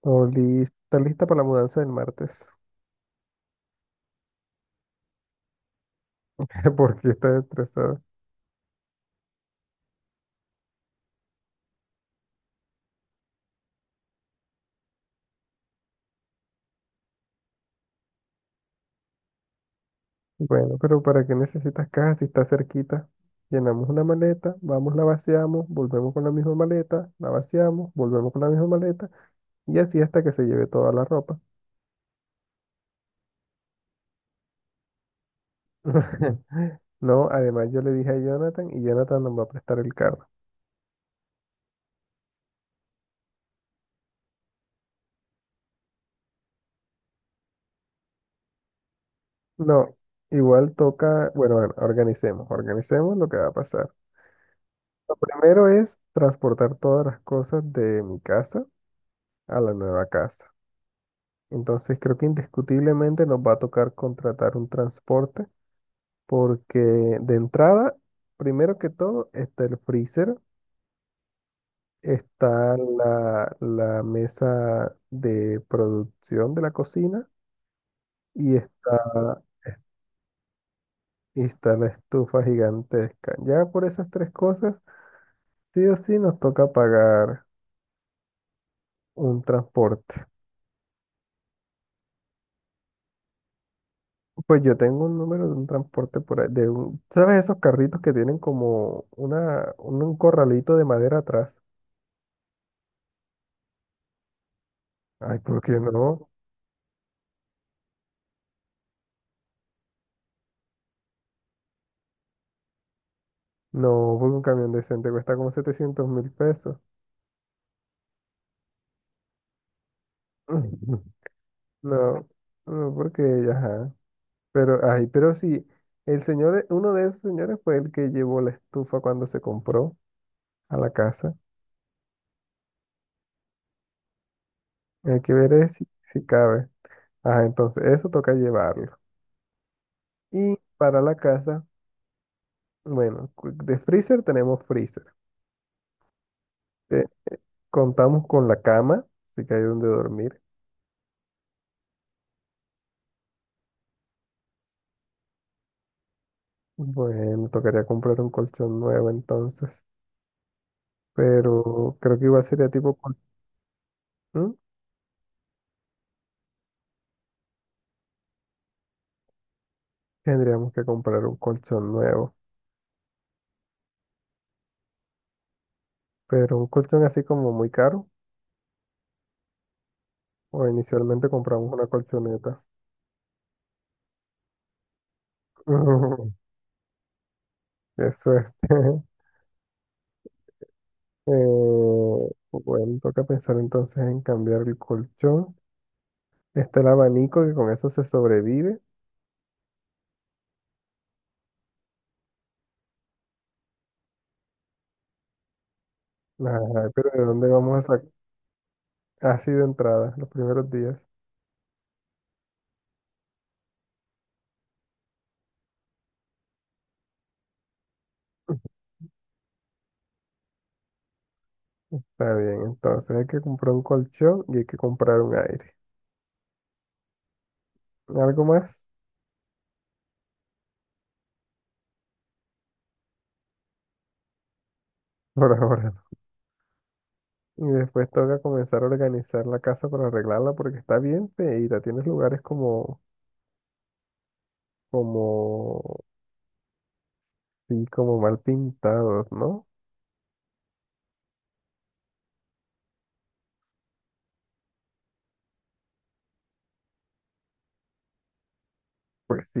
Todo está lista para la mudanza del martes. Porque estás estresada. Bueno, pero ¿para qué necesitas caja si está cerquita? Llenamos una maleta, vamos, la vaciamos, volvemos con la misma maleta, la vaciamos, volvemos con la misma maleta y así hasta que se lleve toda la ropa. No, además yo le dije a Jonathan y Jonathan nos va a prestar el carro. No, igual toca, bueno, bueno, organicemos, organicemos lo que va a pasar. Lo primero es transportar todas las cosas de mi casa a la nueva casa. Entonces creo que indiscutiblemente nos va a tocar contratar un transporte porque de entrada, primero que todo, está el freezer, está la mesa de producción de la cocina y está, y está la estufa gigantesca. Ya por esas tres cosas, sí o sí nos toca pagar un transporte. Pues yo tengo un número de un transporte por ahí, ¿sabes esos carritos que tienen como una, un corralito de madera atrás? Ay, ¿por qué no? No, porque un camión decente cuesta como $700.000. No, no, porque ella, ajá. Pero, ay, pero sí, el señor, uno de esos señores fue el que llevó la estufa cuando se compró a la casa. Hay que ver es si cabe. Ajá, entonces, eso toca llevarlo. Y para la casa, bueno, de freezer tenemos freezer. Eh, Contamos con la cama, así que hay donde dormir. Bueno, tocaría comprar un colchón nuevo entonces, pero creo que igual sería tipo colchón. Tendríamos que comprar un colchón nuevo, pero un colchón así como muy caro, o inicialmente compramos una colchoneta. Qué suerte. Bueno, toca pensar entonces en cambiar el colchón. Está el abanico que con eso se sobrevive. Ajá, pero ¿de dónde vamos a sacar? Así de entrada, los primeros días. Está bien, entonces hay que comprar un colchón y hay que comprar un aire. ¿Algo más? Por ahora. Y después toca comenzar a organizar la casa para arreglarla porque está bien feita, tienes lugares como, como, sí, como mal pintados, ¿no? Pues sí.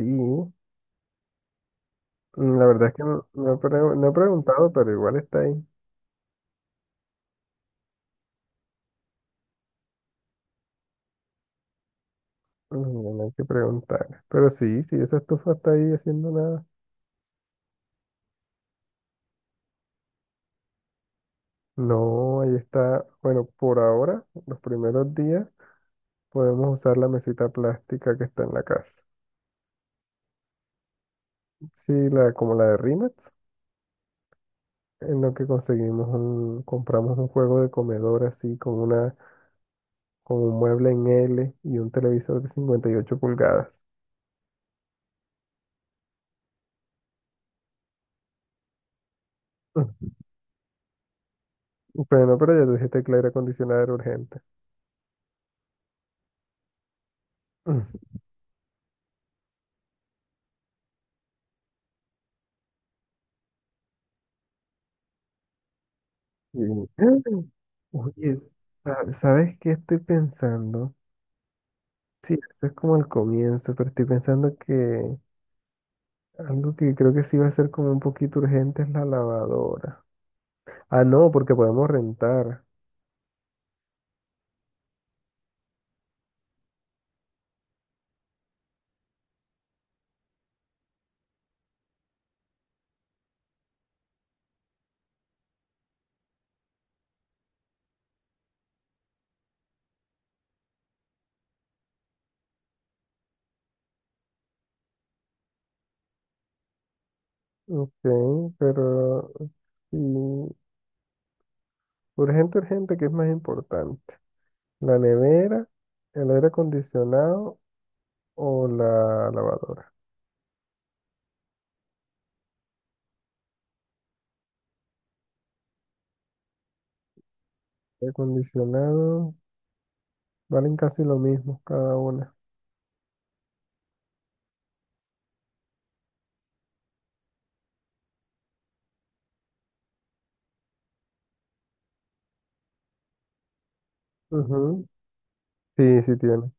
Mm, la verdad es que no, no he preguntado, pero igual está ahí. Mm, no hay que preguntar. Pero sí, sí, esa estufa está ahí haciendo nada. No, ahí está. Bueno, por ahora, los primeros días, podemos usar la mesita plástica que está en la casa. Sí, la, como la de Rimax, en lo que compramos un juego de comedor así con una, con un mueble en L y un televisor de 58 pulgadas. Ujú. Bueno, pero ya te dije tecla aire acondicionado era urgente. Ujú. Y- Oye, ¿sabes qué estoy pensando? Sí, esto es como el comienzo, pero estoy pensando que algo que creo que sí va a ser como un poquito urgente es la lavadora. Ah, no, porque podemos rentar. Ok, pero sí, urgente, urgente, ¿qué es más importante? ¿La nevera, el aire acondicionado o la lavadora? Aire acondicionado, valen casi lo mismo cada una. Ujú. Sí, sí tiene.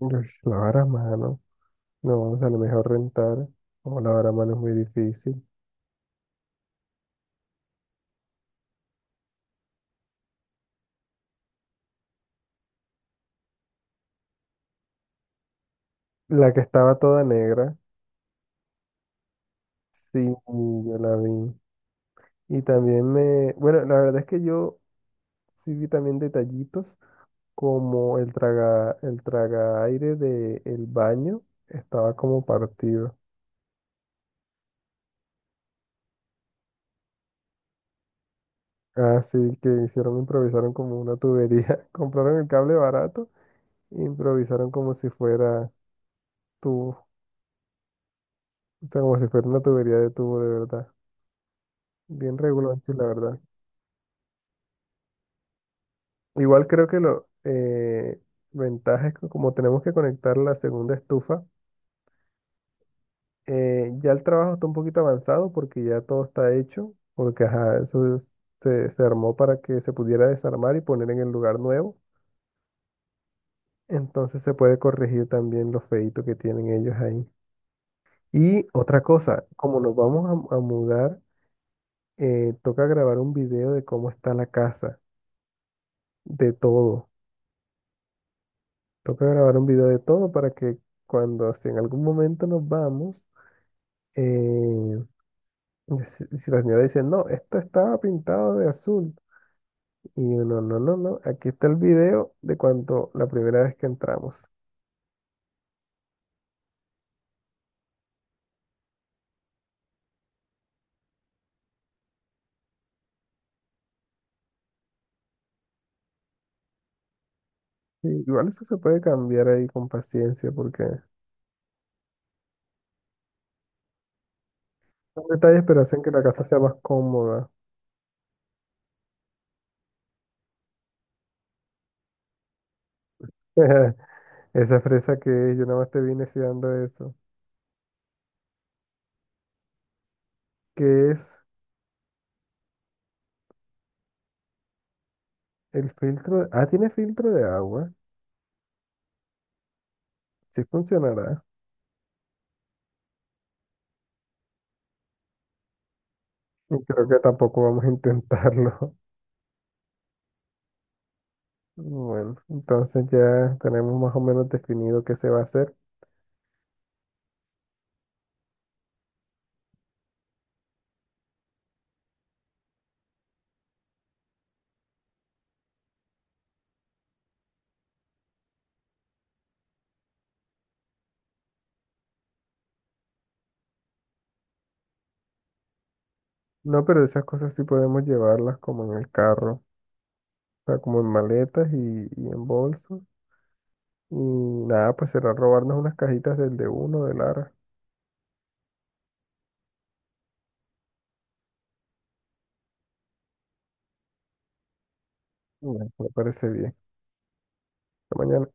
Uy, lavar a mano. No, o sea, a lo mejor rentar o lavar a mano es muy difícil. La que estaba toda negra, sí, yo la vi. Y también me... Bueno, la verdad es que yo sí vi también detallitos como el traga aire del baño estaba como partido. Así que hicieron, improvisaron como una tubería. Compraron el cable barato e improvisaron como si fuera tubo. O sea, como si fuera una tubería de tubo de verdad. Bien reguloncho, la verdad. Igual creo que lo ventaja es que como tenemos que conectar la segunda estufa. Ya el trabajo está un poquito avanzado porque ya todo está hecho, porque ajá, se, se armó para que se pudiera desarmar y poner en el lugar nuevo. Entonces se puede corregir también los feitos que tienen ellos ahí. Y otra cosa, como nos vamos a mudar, toca grabar un video de cómo está la casa, de todo. Toca grabar un video de todo para que cuando, si en algún momento nos vamos, eh, si, si la señora dice, no, esto estaba pintado de azul. Y yo, no, no, no, no. Aquí está el video de cuando la primera vez que entramos. Sí, igual eso se puede cambiar ahí con paciencia porque son detalles, pero hacen que la casa sea más cómoda. Esa fresa que es, yo nada más te vine dando eso. ¿Qué es el filtro? Ah, tiene filtro de agua. Sí funcionará. Y creo que tampoco vamos a intentarlo. Bueno, entonces ya tenemos más o menos definido qué se va a hacer. No, pero esas cosas sí podemos llevarlas como en el carro. O sea, como en maletas y en bolsos. Y nada, pues será robarnos unas cajitas del de uno, de Lara. Bueno, me parece bien. Hasta mañana.